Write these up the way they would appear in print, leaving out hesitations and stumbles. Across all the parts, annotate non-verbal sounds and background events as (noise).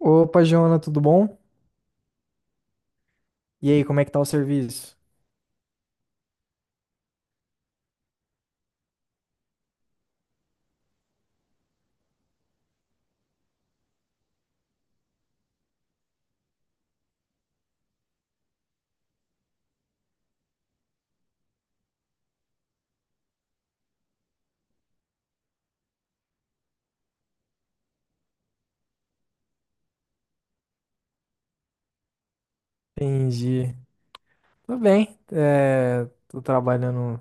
Opa, Jona, tudo bom? E aí, como é que tá o serviço? Entendi. Tudo bem. Tô trabalhando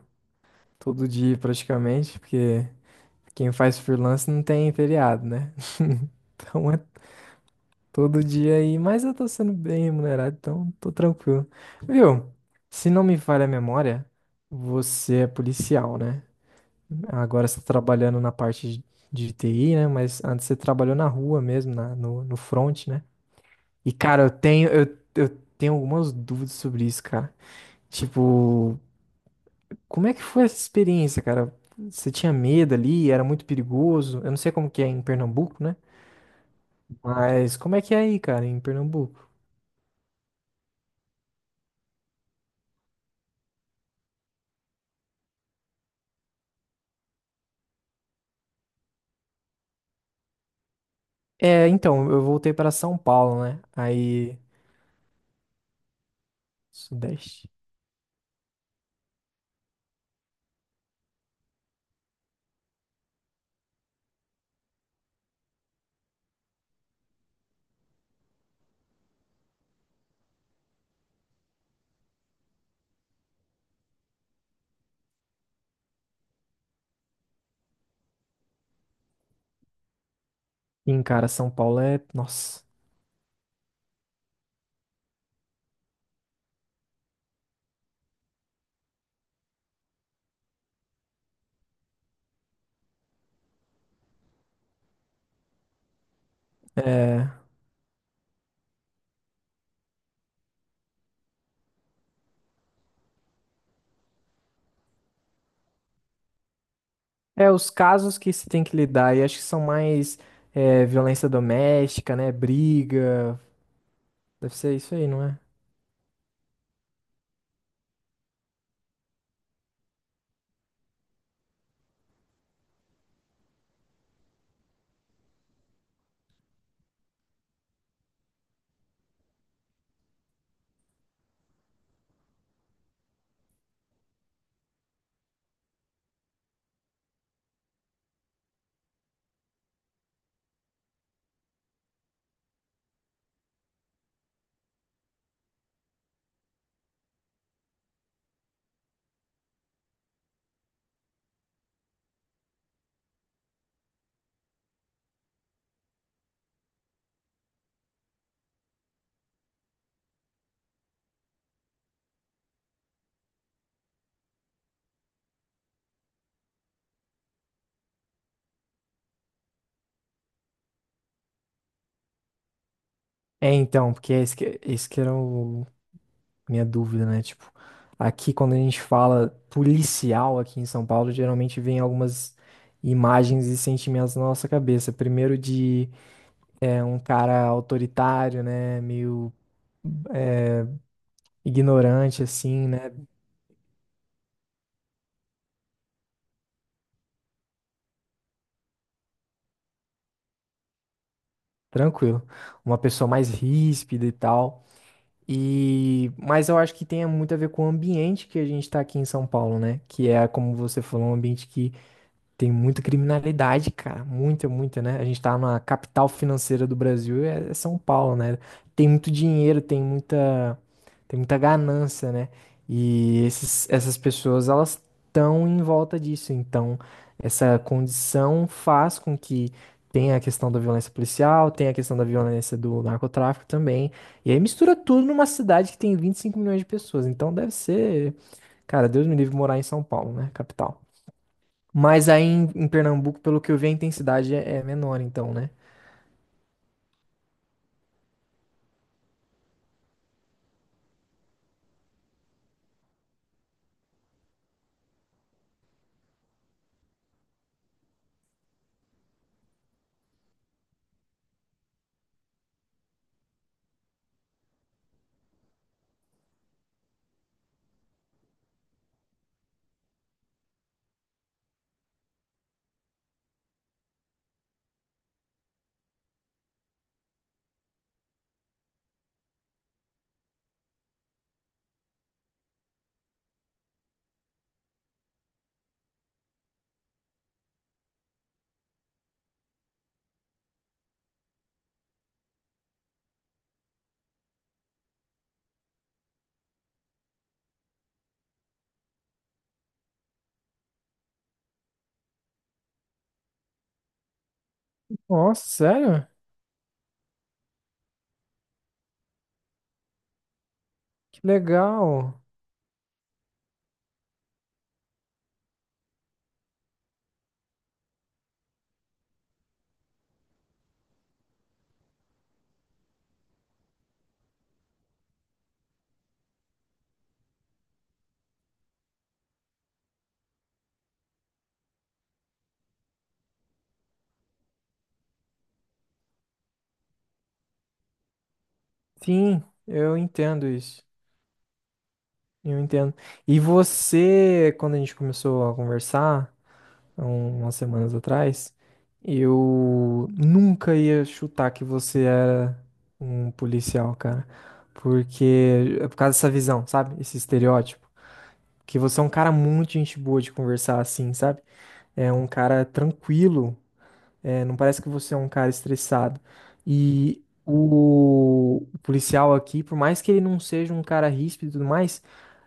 todo dia praticamente, porque quem faz freelance não tem feriado, né? (laughs) Então é todo dia aí, mas eu tô sendo bem remunerado, então tô tranquilo. Viu? Se não me falha a memória, você é policial, né? Agora você tá trabalhando na parte de TI, né? Mas antes você trabalhou na rua mesmo, no front, né? E, cara, eu tenho algumas dúvidas sobre isso, cara. Tipo, como é que foi essa experiência, cara? Você tinha medo ali? Era muito perigoso? Eu não sei como que é em Pernambuco, né? Mas como é que é aí, cara, em Pernambuco? Então, eu voltei para São Paulo, né? Aí, Sudeste. Sim, cara, São Paulo é. Nossa. É. Os casos que se tem que lidar, e acho que são mais violência doméstica, né? Briga. Deve ser isso aí, não é? Então, porque é esse que era o, minha dúvida, né? Tipo, aqui quando a gente fala policial aqui em São Paulo, geralmente vem algumas imagens e sentimentos na nossa cabeça. Primeiro de um cara autoritário, né? Meio ignorante, assim, né? Tranquilo. Uma pessoa mais ríspida e tal. E, mas eu acho que tem muito a ver com o ambiente que a gente tá aqui em São Paulo, né? Que é, como você falou, um ambiente que tem muita criminalidade, cara. Muita, muita, né? A gente tá na capital financeira do Brasil, é São Paulo, né? Tem muito dinheiro, tem muita ganância, né? E essas pessoas, elas estão em volta disso. Então, essa condição faz com que tenha a questão da violência policial, tenha a questão da violência do narcotráfico também. E aí mistura tudo numa cidade que tem 25 milhões de pessoas. Então, deve ser, cara, Deus me livre morar em São Paulo, né? Capital. Mas aí em Pernambuco, pelo que eu vi, a intensidade é, é menor, então, né? Nossa, sério? Que legal. Sim, eu entendo isso. Eu entendo. E você, quando a gente começou a conversar, umas semanas atrás, eu nunca ia chutar que você era um policial, cara. Porque, é por causa dessa visão, sabe? Esse estereótipo. Que você é um cara muito gente boa de conversar assim, sabe? É um cara tranquilo. É, não parece que você é um cara estressado. E o policial aqui, por mais que ele não seja um cara ríspido e tudo mais,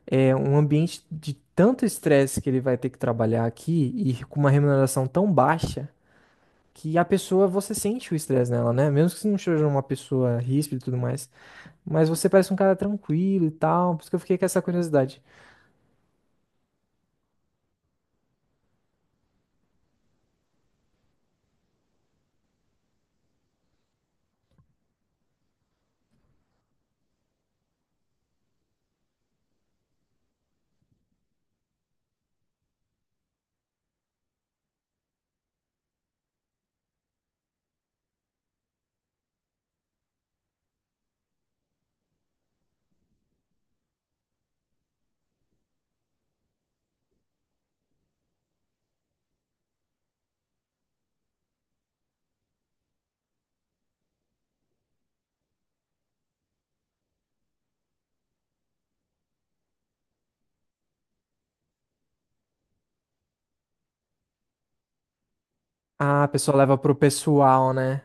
é um ambiente de tanto estresse que ele vai ter que trabalhar aqui e com uma remuneração tão baixa que a pessoa, você sente o estresse nela, né? Mesmo que você não seja uma pessoa ríspida e tudo mais, mas você parece um cara tranquilo e tal, por isso que eu fiquei com essa curiosidade. Ah, a pessoa leva pro pessoal, né?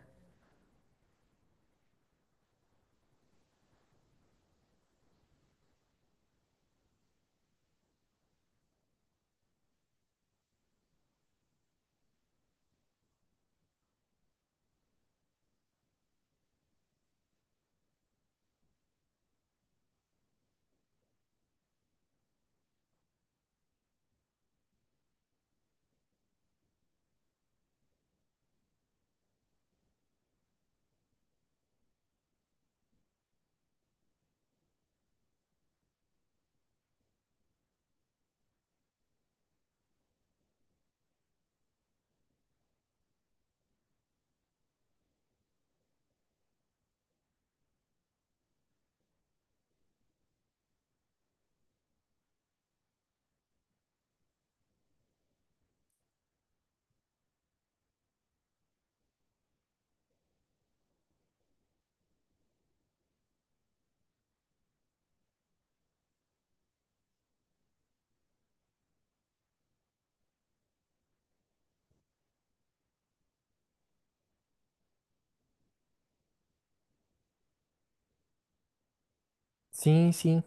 Sim, sim.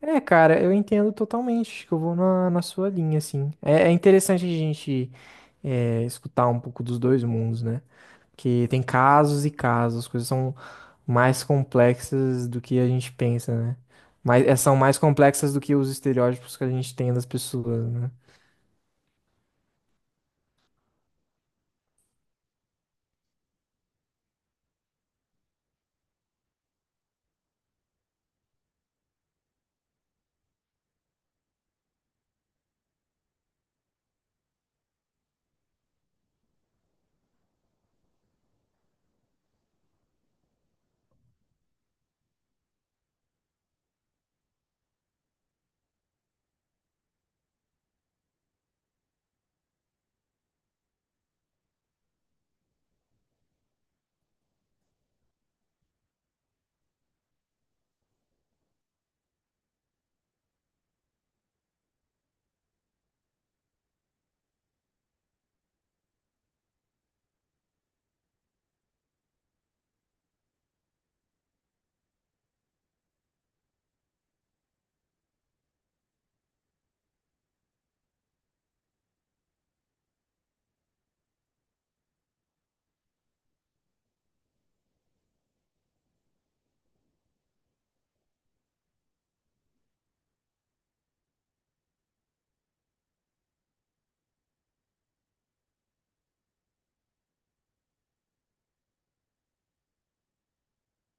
É, cara, eu entendo totalmente, que eu vou na, na sua linha, assim. É interessante a gente escutar um pouco dos dois mundos, né? Porque tem casos e casos, as coisas são mais complexas do que a gente pensa, né? Mas são mais complexas do que os estereótipos que a gente tem das pessoas, né?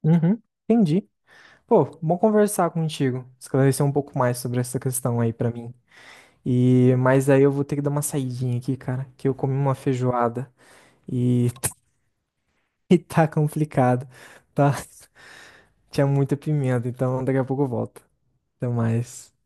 Uhum, entendi. Pô, bom conversar contigo, esclarecer um pouco mais sobre essa questão aí pra mim. E, mas aí eu vou ter que dar uma saidinha aqui, cara, que eu comi uma feijoada. E (laughs) (laughs) E tá complicado, tá? (laughs) Tinha muita pimenta, então daqui a pouco eu volto. Até mais.